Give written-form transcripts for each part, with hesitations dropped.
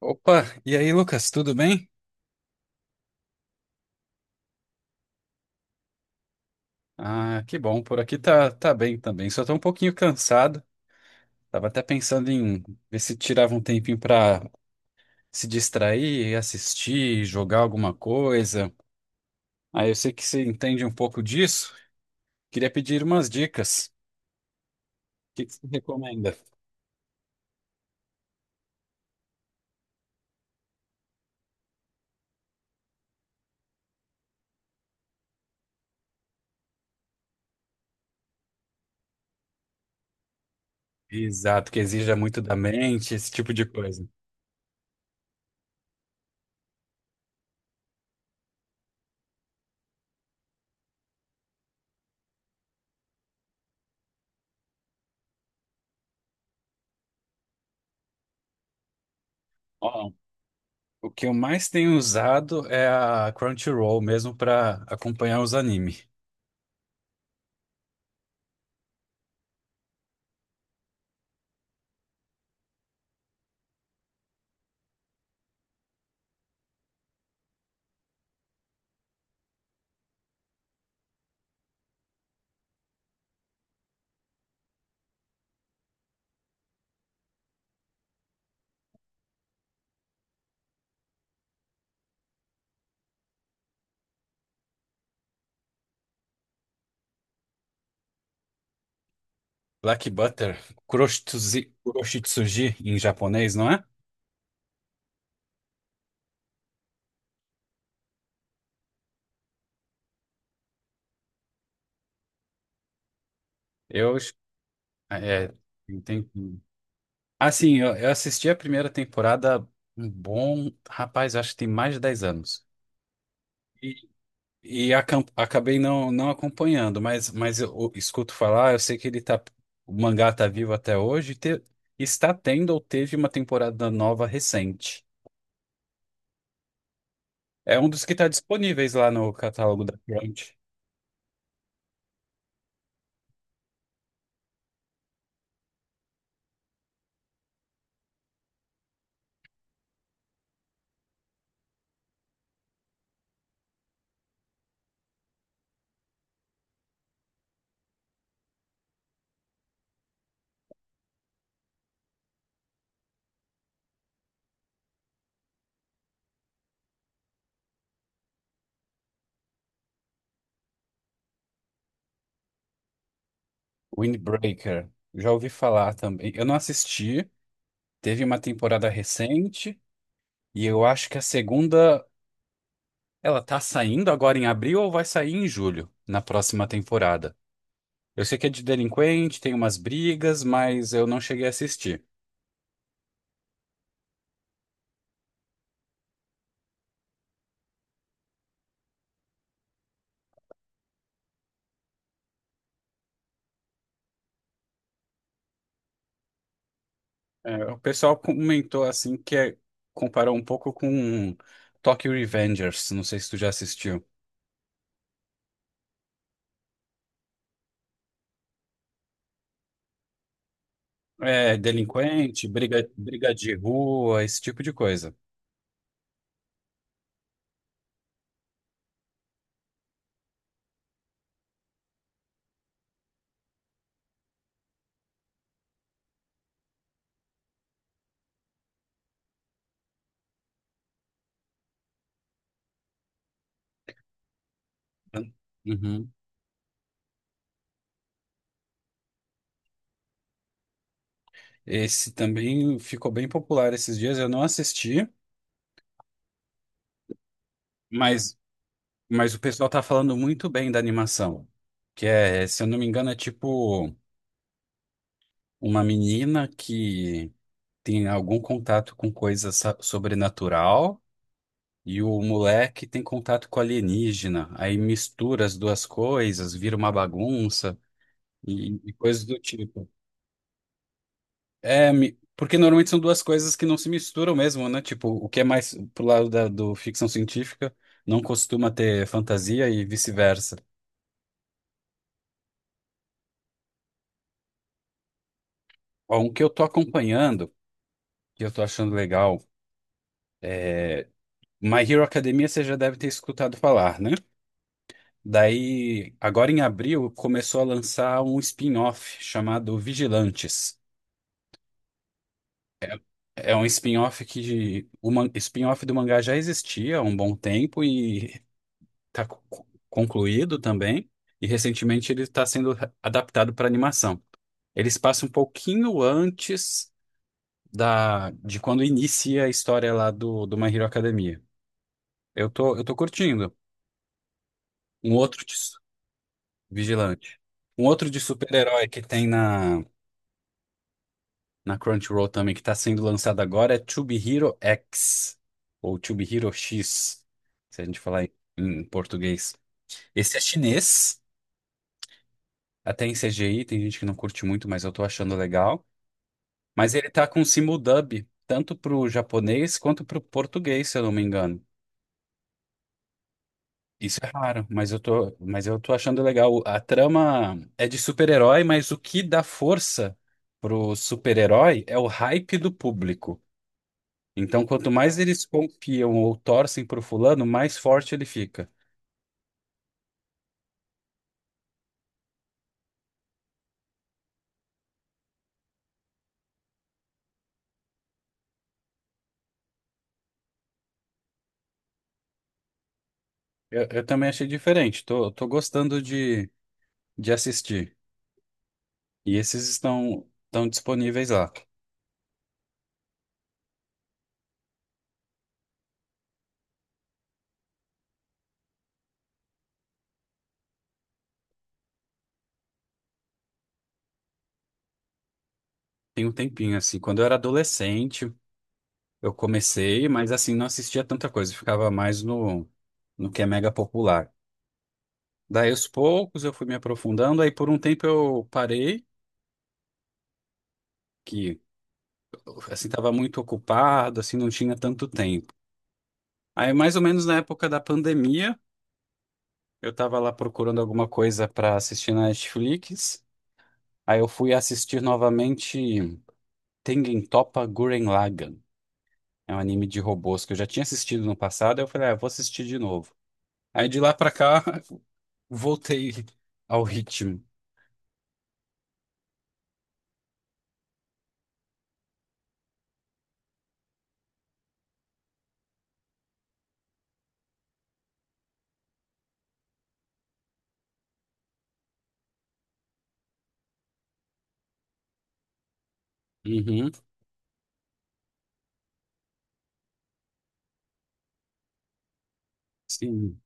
Opa, e aí, Lucas, tudo bem? Ah, que bom, por aqui tá, tá bem também. Só tô um pouquinho cansado. Tava até pensando em ver se tirava um tempinho pra se distrair, assistir, jogar alguma coisa. Ah, eu sei que você entende um pouco disso. Queria pedir umas dicas. O que você recomenda? Exato, que exija muito da mente, esse tipo de coisa. Ó, o que eu mais tenho usado é a Crunchyroll mesmo pra acompanhar os animes. Black Butter, kuroshitsuji, kuroshitsuji em japonês, não é? Eu é, tem, assim, eu assisti a primeira temporada um bom, rapaz, acho que tem mais de 10 anos. E, acabei não acompanhando, mas eu escuto falar, eu sei que ele tá, o mangá tá vivo até hoje, está tendo ou teve uma temporada nova recente. É um dos que está disponíveis lá no catálogo da Crunch. Windbreaker. Já ouvi falar também. Eu não assisti. Teve uma temporada recente e eu acho que a segunda, ela tá saindo agora em abril ou vai sair em julho, na próxima temporada. Eu sei que é de delinquente, tem umas brigas, mas eu não cheguei a assistir. É, o pessoal comentou comparou um pouco com Tokyo Revengers, não sei se tu já assistiu. É, delinquente, briga, briga de rua, esse tipo de coisa. Uhum. Esse também ficou bem popular esses dias, eu não assisti, mas Mas o pessoal tá falando muito bem da animação, que é, se eu não me engano, é tipo uma menina que tem algum contato com coisa sobrenatural e o moleque tem contato com alienígena. Aí mistura as duas coisas, vira uma bagunça e coisas do tipo. É, porque normalmente são duas coisas que não se misturam mesmo, né? Tipo, o que é mais pro lado da, do ficção científica não costuma ter fantasia e vice-versa. Ó, um que eu tô acompanhando que eu tô achando legal. My Hero Academia você já deve ter escutado falar, né? Daí, agora em abril, começou a lançar um spin-off chamado Vigilantes. É um spin-off que spin-off do mangá já existia há um bom tempo e está concluído também. E recentemente ele está sendo adaptado para animação. Eles passa um pouquinho antes da de quando inicia a história lá do, do My Hero Academia. Eu tô curtindo. Um outro. Vigilante. Um outro de super-herói que tem na, na Crunchyroll também, que tá sendo lançado agora, é To Be Hero X, ou To Be Hero X, se a gente falar em, em português. Esse é chinês, até em CGI, tem gente que não curte muito, mas eu tô achando legal. Mas ele tá com simuldub, tanto pro japonês quanto pro português, se eu não me engano. Isso é raro, mas mas eu tô achando legal. A trama é de super-herói, mas o que dá força pro super-herói é o hype do público. Então, quanto mais eles confiam ou torcem pro fulano, mais forte ele fica. Eu também achei diferente. Tô gostando de assistir. E esses estão, estão disponíveis lá. Tem um tempinho, assim. Quando eu era adolescente, eu comecei, mas assim, não assistia tanta coisa. Ficava mais no, no que é mega popular. Daí aos poucos eu fui me aprofundando, aí por um tempo eu parei, que assim estava muito ocupado, assim não tinha tanto tempo. Aí mais ou menos na época da pandemia, eu estava lá procurando alguma coisa para assistir na Netflix. Aí eu fui assistir novamente Tengen Toppa Gurren Lagann. É um anime de robôs que eu já tinha assistido no passado, aí eu falei, ah, eu vou assistir de novo. Aí de lá pra cá voltei ao ritmo. Uhum, sim.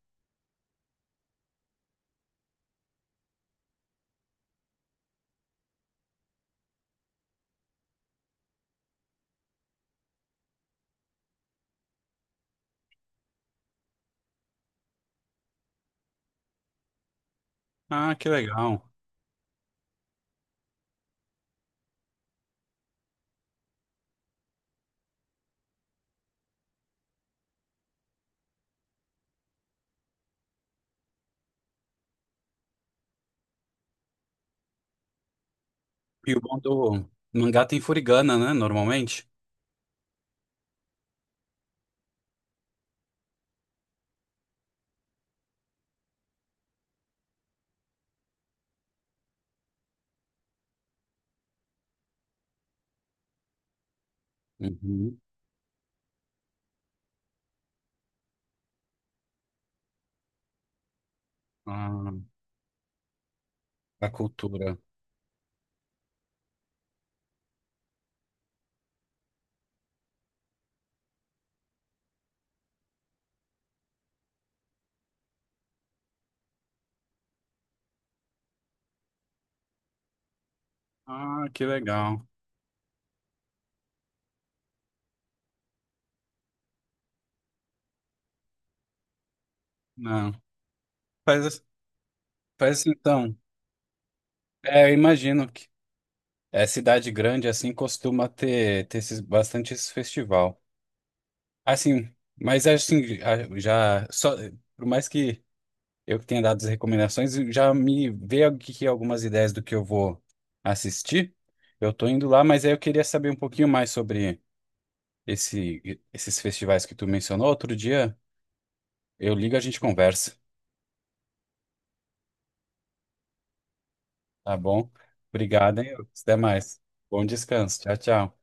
Ah, que legal. E o bom do mangá tem furigana, né? Normalmente. Uhum. Ah, a cultura. Ah, que legal. Não. Faz, faz assim, então. É, eu imagino que é, cidade grande assim costuma ter, ter esses, bastante esse festival. Assim, mas é assim, por mais que eu tenha dado as recomendações, já me veio aqui algumas ideias do que eu vou assistir. Eu tô indo lá, mas aí eu queria saber um pouquinho mais sobre esse, esses festivais que tu mencionou outro dia, eu ligo e a gente conversa, tá bom? Obrigado, hein? Até mais. Bom descanso. Tchau, tchau.